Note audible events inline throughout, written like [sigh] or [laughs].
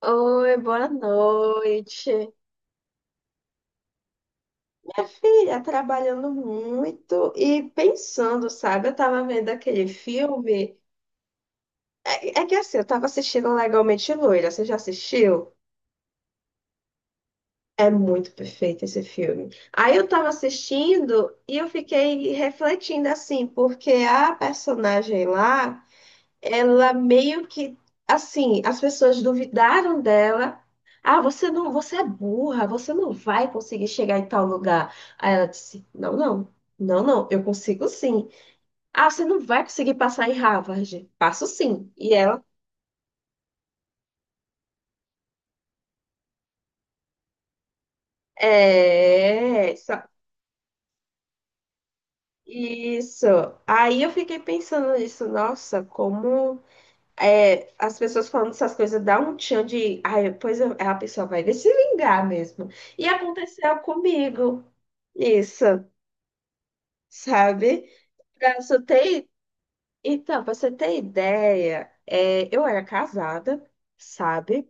Oi, boa noite. Minha filha, trabalhando muito e pensando, sabe? Eu tava vendo aquele filme. É que assim, eu tava assistindo Legalmente Loira. Você já assistiu? É muito perfeito esse filme. Aí eu tava assistindo e eu fiquei refletindo assim, porque a personagem lá, ela meio que, assim, as pessoas duvidaram dela. Ah, você não, você é burra, você não vai conseguir chegar em tal lugar. Aí ela disse: Não, não, não, não, eu consigo sim. Ah, você não vai conseguir passar em Harvard. Passo sim. E ela, é, só- isso. Aí eu fiquei pensando nisso, nossa, como, as pessoas falando essas coisas dá um tchan de. Ai, a pessoa vai se vingar mesmo. E aconteceu comigo isso, sabe? Pra você ter, pra você ter ideia, eu era casada, sabe?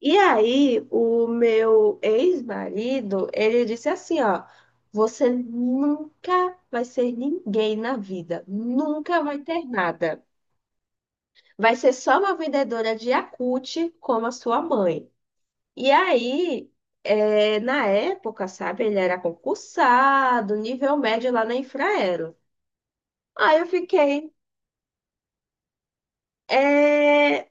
E aí o meu ex-marido, ele disse assim, ó: você nunca vai ser ninguém na vida, nunca vai ter nada. Vai ser só uma vendedora de Yakult como a sua mãe. E aí, na época, sabe, ele era concursado, nível médio lá na Infraero. Aí eu fiquei, é,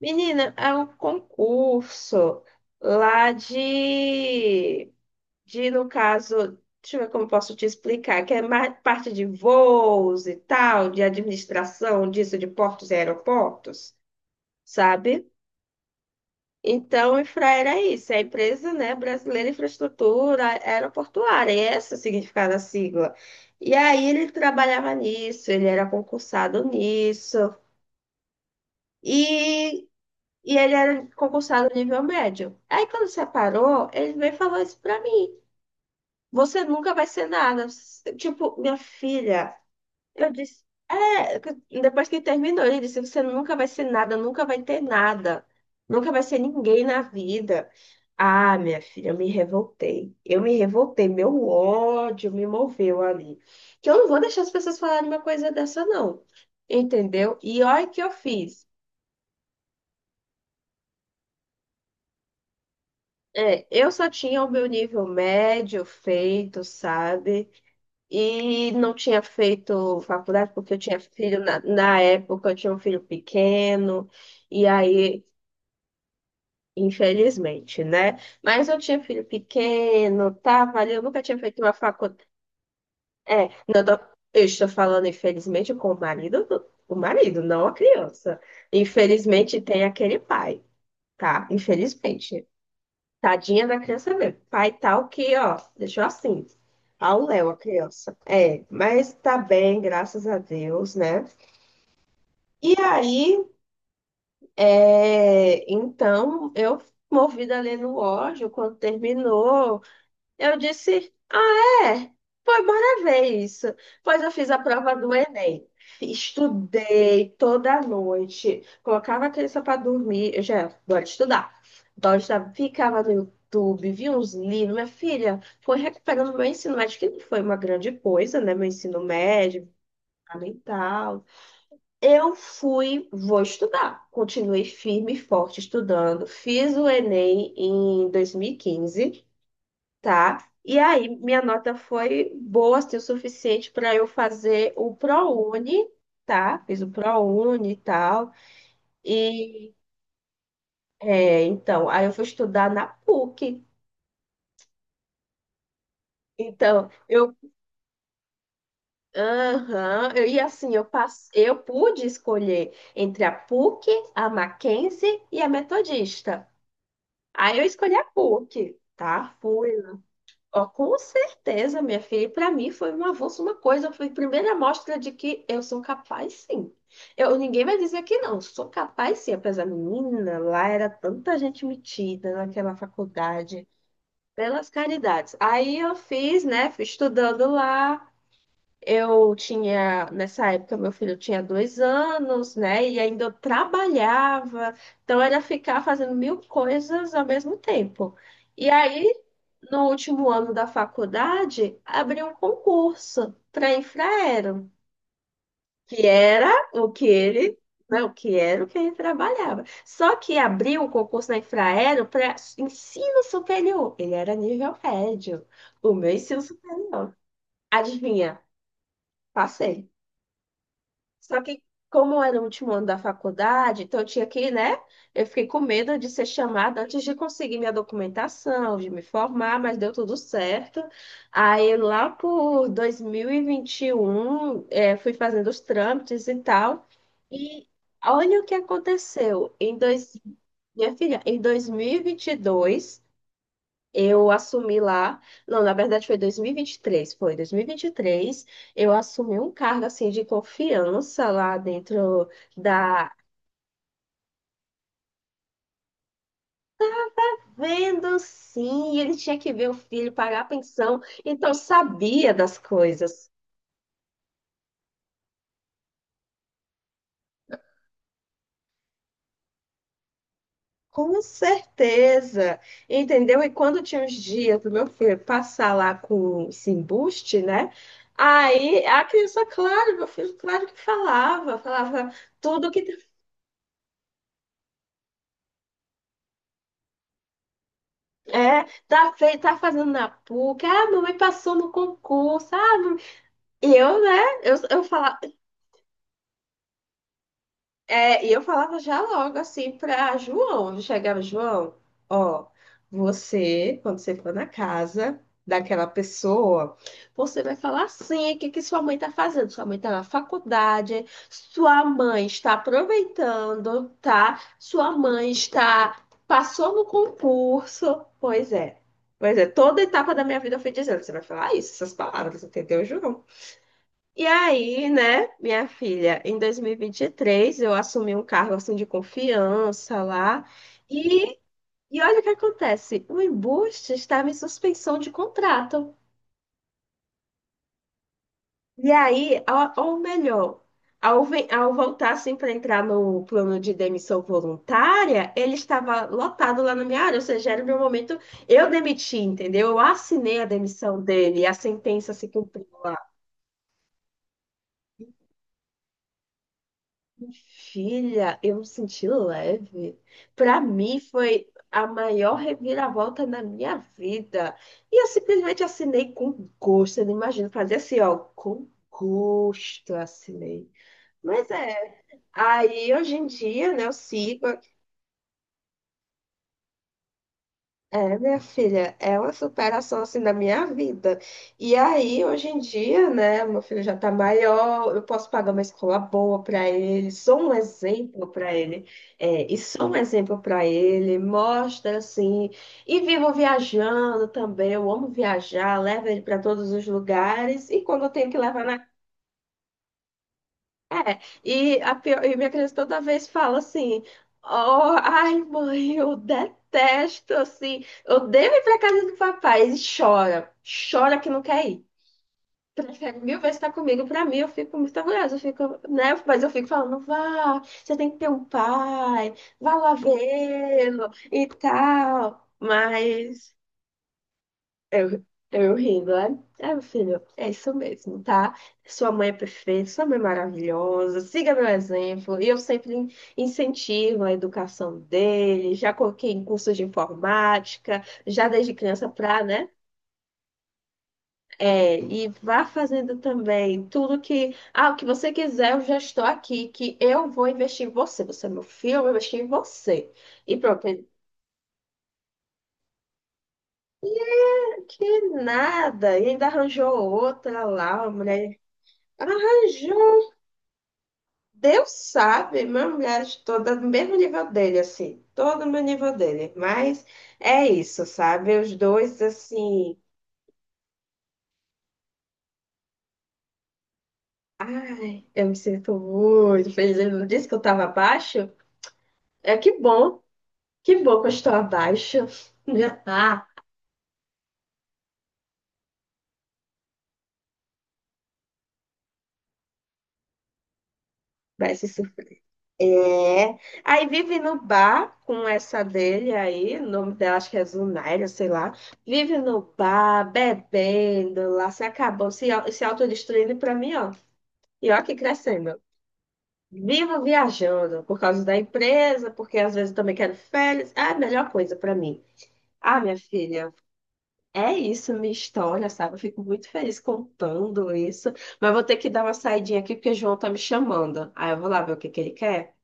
menina, é um concurso lá de, no caso, deixa eu ver como eu posso te explicar, que é mais parte de voos e tal, de administração disso, de portos e aeroportos, sabe? Então, a Infra era isso, é a empresa, né, Brasileira de Infraestrutura Aeroportuária, e esse é o significado da sigla. E aí ele trabalhava nisso, ele era concursado nisso, e, e ele era concursado nível médio. Aí quando separou, ele veio e falou isso pra mim. Você nunca vai ser nada. Tipo, minha filha, eu disse, é, que- depois que terminou, ele disse, você nunca vai ser nada, nunca vai ter nada, nunca vai ser ninguém na vida. Ah, minha filha, eu me revoltei. Eu me revoltei, meu ódio me moveu ali. Que eu não vou deixar as pessoas falarem uma coisa dessa, não. Entendeu? E olha o que eu fiz. É, eu só tinha o meu nível médio feito, sabe? E não tinha feito faculdade porque eu tinha filho, na época eu tinha um filho pequeno, e aí, infelizmente, né? Mas eu tinha filho pequeno, tava ali, eu nunca tinha feito uma faculdade. É, não, eu estou falando, infelizmente, com o marido, o marido, não a criança. Infelizmente, tem aquele pai, tá? Infelizmente. Tadinha da criança mesmo. Pai tal que, ó, deixou assim. Ao Léo, a criança. É, mas tá bem, graças a Deus, né? E aí, então, eu movida ali no ódio, quando terminou, eu disse, ah, é? Pois bora ver isso. Pois eu fiz a prova do Enem. Estudei toda noite. Colocava a criança para dormir. Eu já, bora estudar. Então, eu já ficava no YouTube, via uns livros. Minha filha, foi recuperando meu ensino médio, que não foi uma grande coisa, né? Meu ensino médio, fundamental. Eu fui, vou estudar. Continuei firme e forte estudando. Fiz o Enem em 2015, tá? E aí, minha nota foi boa, assim, o suficiente para eu fazer o ProUni, tá? Fiz o ProUni e tal. E, então, aí eu fui estudar na PUC. Então, eu, aham, eu, e assim, eu, passe, eu pude escolher entre a PUC, a Mackenzie e a Metodista. Aí eu escolhi a PUC, tá? Fui Ó, com certeza, minha filha. E para mim foi um avanço, uma coisa. Foi a primeira mostra de que eu sou capaz, sim. Eu, ninguém vai dizer que não. Sou capaz, sim. Apesar, menina, lá era tanta gente metida naquela faculdade. Pelas caridades. Aí eu fiz, né? Fui estudando lá. Eu tinha, nessa época, meu filho tinha 2 anos, né? E ainda eu trabalhava, então era ficar fazendo mil coisas ao mesmo tempo. E aí, no último ano da faculdade, abri um concurso para Infraero, que era o que ele, né? O que era o que ele trabalhava. Só que abriu um concurso na Infraero para ensino superior. Ele era nível médio, o meu ensino superior. Adivinha? Passei. Só que, como era o último ano da faculdade, então eu tinha que, né? Eu fiquei com medo de ser chamada antes de conseguir minha documentação, de me formar, mas deu tudo certo. Aí, lá por 2021, fui fazendo os trâmites e tal. E olha o que aconteceu. Minha filha, em 2022. Eu assumi lá, não, na verdade foi 2023, foi 2023, eu assumi um cargo assim de confiança lá dentro da. Vendo sim, ele tinha que ver o filho pagar a pensão, então sabia das coisas. Com certeza, entendeu? E quando tinha uns dias do meu filho passar lá com esse embuste, né? Aí a criança, claro, meu filho, claro que falava, falava tudo que. É, tá, tá fazendo na PUC, ah, mamãe passou no concurso, ah, e eu, né, eu falava. É, e eu falava já logo assim para João. Eu chegava, João, ó, você, quando você for na casa daquela pessoa, você vai falar assim: o que que sua mãe tá fazendo? Sua mãe tá na faculdade, sua mãe está aproveitando, tá? Sua mãe está, passou no concurso. Pois é. Pois é, toda etapa da minha vida eu fui dizendo, você vai falar isso, essas palavras, entendeu, João? E aí, né, minha filha, em 2023 eu assumi um cargo assim de confiança lá, e, e olha o que acontece, o embuste estava em suspensão de contrato. E aí, ou melhor, ao voltar assim para entrar no plano de demissão voluntária, ele estava lotado lá na minha área, ou seja, era o meu momento, eu demiti, entendeu? Eu assinei a demissão dele, a sentença se cumpriu. Filha, eu me senti leve. Para mim foi a maior reviravolta na minha vida. E eu simplesmente assinei com gosto. Eu não imagino fazer assim, ó, com gosto eu assinei. Mas é. Aí hoje em dia, né, eu sigo. É, minha filha, é uma superação assim da minha vida. E aí, hoje em dia, né, meu filho já tá maior, eu posso pagar uma escola boa para ele, sou um exemplo para ele, e sou um exemplo para ele, mostra assim, e vivo viajando também, eu amo viajar, levo ele para todos os lugares, e quando eu tenho que levar na. É, e, a pior, e minha criança toda vez fala assim: oh, ai, mãe, eu detesto, assim, eu devo ir pra casa do papai. E chora, chora que não quer ir. Prefere mil vezes estar comigo. Pra mim, eu fico muito orgulhosa, eu fico, né? Mas eu fico falando: vá, você tem que ter um pai, vá lá vê-lo e tal. Mas eu, eu, rindo, né? É, meu filho, é isso mesmo, tá? Sua mãe é perfeita, sua mãe é maravilhosa, siga meu exemplo. E eu sempre incentivo a educação dele, já coloquei em cursos de informática, já desde criança pra, né? É, e vá fazendo também tudo que, ah, o que você quiser, eu já estou aqui, que eu vou investir em você. Você é meu filho, eu vou investir em você. E pronto, ele, que nada, e ainda arranjou outra lá, uma mulher. Arranjou. Deus sabe, minha mulher estou no mesmo nível dele, assim, todo meu nível dele. Mas é isso, sabe? Os dois, assim, ai, eu me sinto muito feliz. Ele não disse que eu estava abaixo? É que bom, que bom que eu estou abaixo. [laughs] Ah, vai se sur-. É. Aí vive no bar com essa dele aí, o nome dela acho que é Zunaira, sei lá. Vive no bar, bebendo lá, se acabou, se, se autodestruindo pra mim, ó. E ó que crescendo. Vivo viajando por causa da empresa, porque às vezes eu também quero férias. É a melhor coisa para mim. Ah, minha filha, é isso, minha história, sabe? Eu fico muito feliz contando isso. Mas vou ter que dar uma saidinha aqui porque o João tá me chamando. Aí eu vou lá ver o que que ele quer.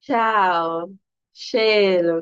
Tchau. Cheiro.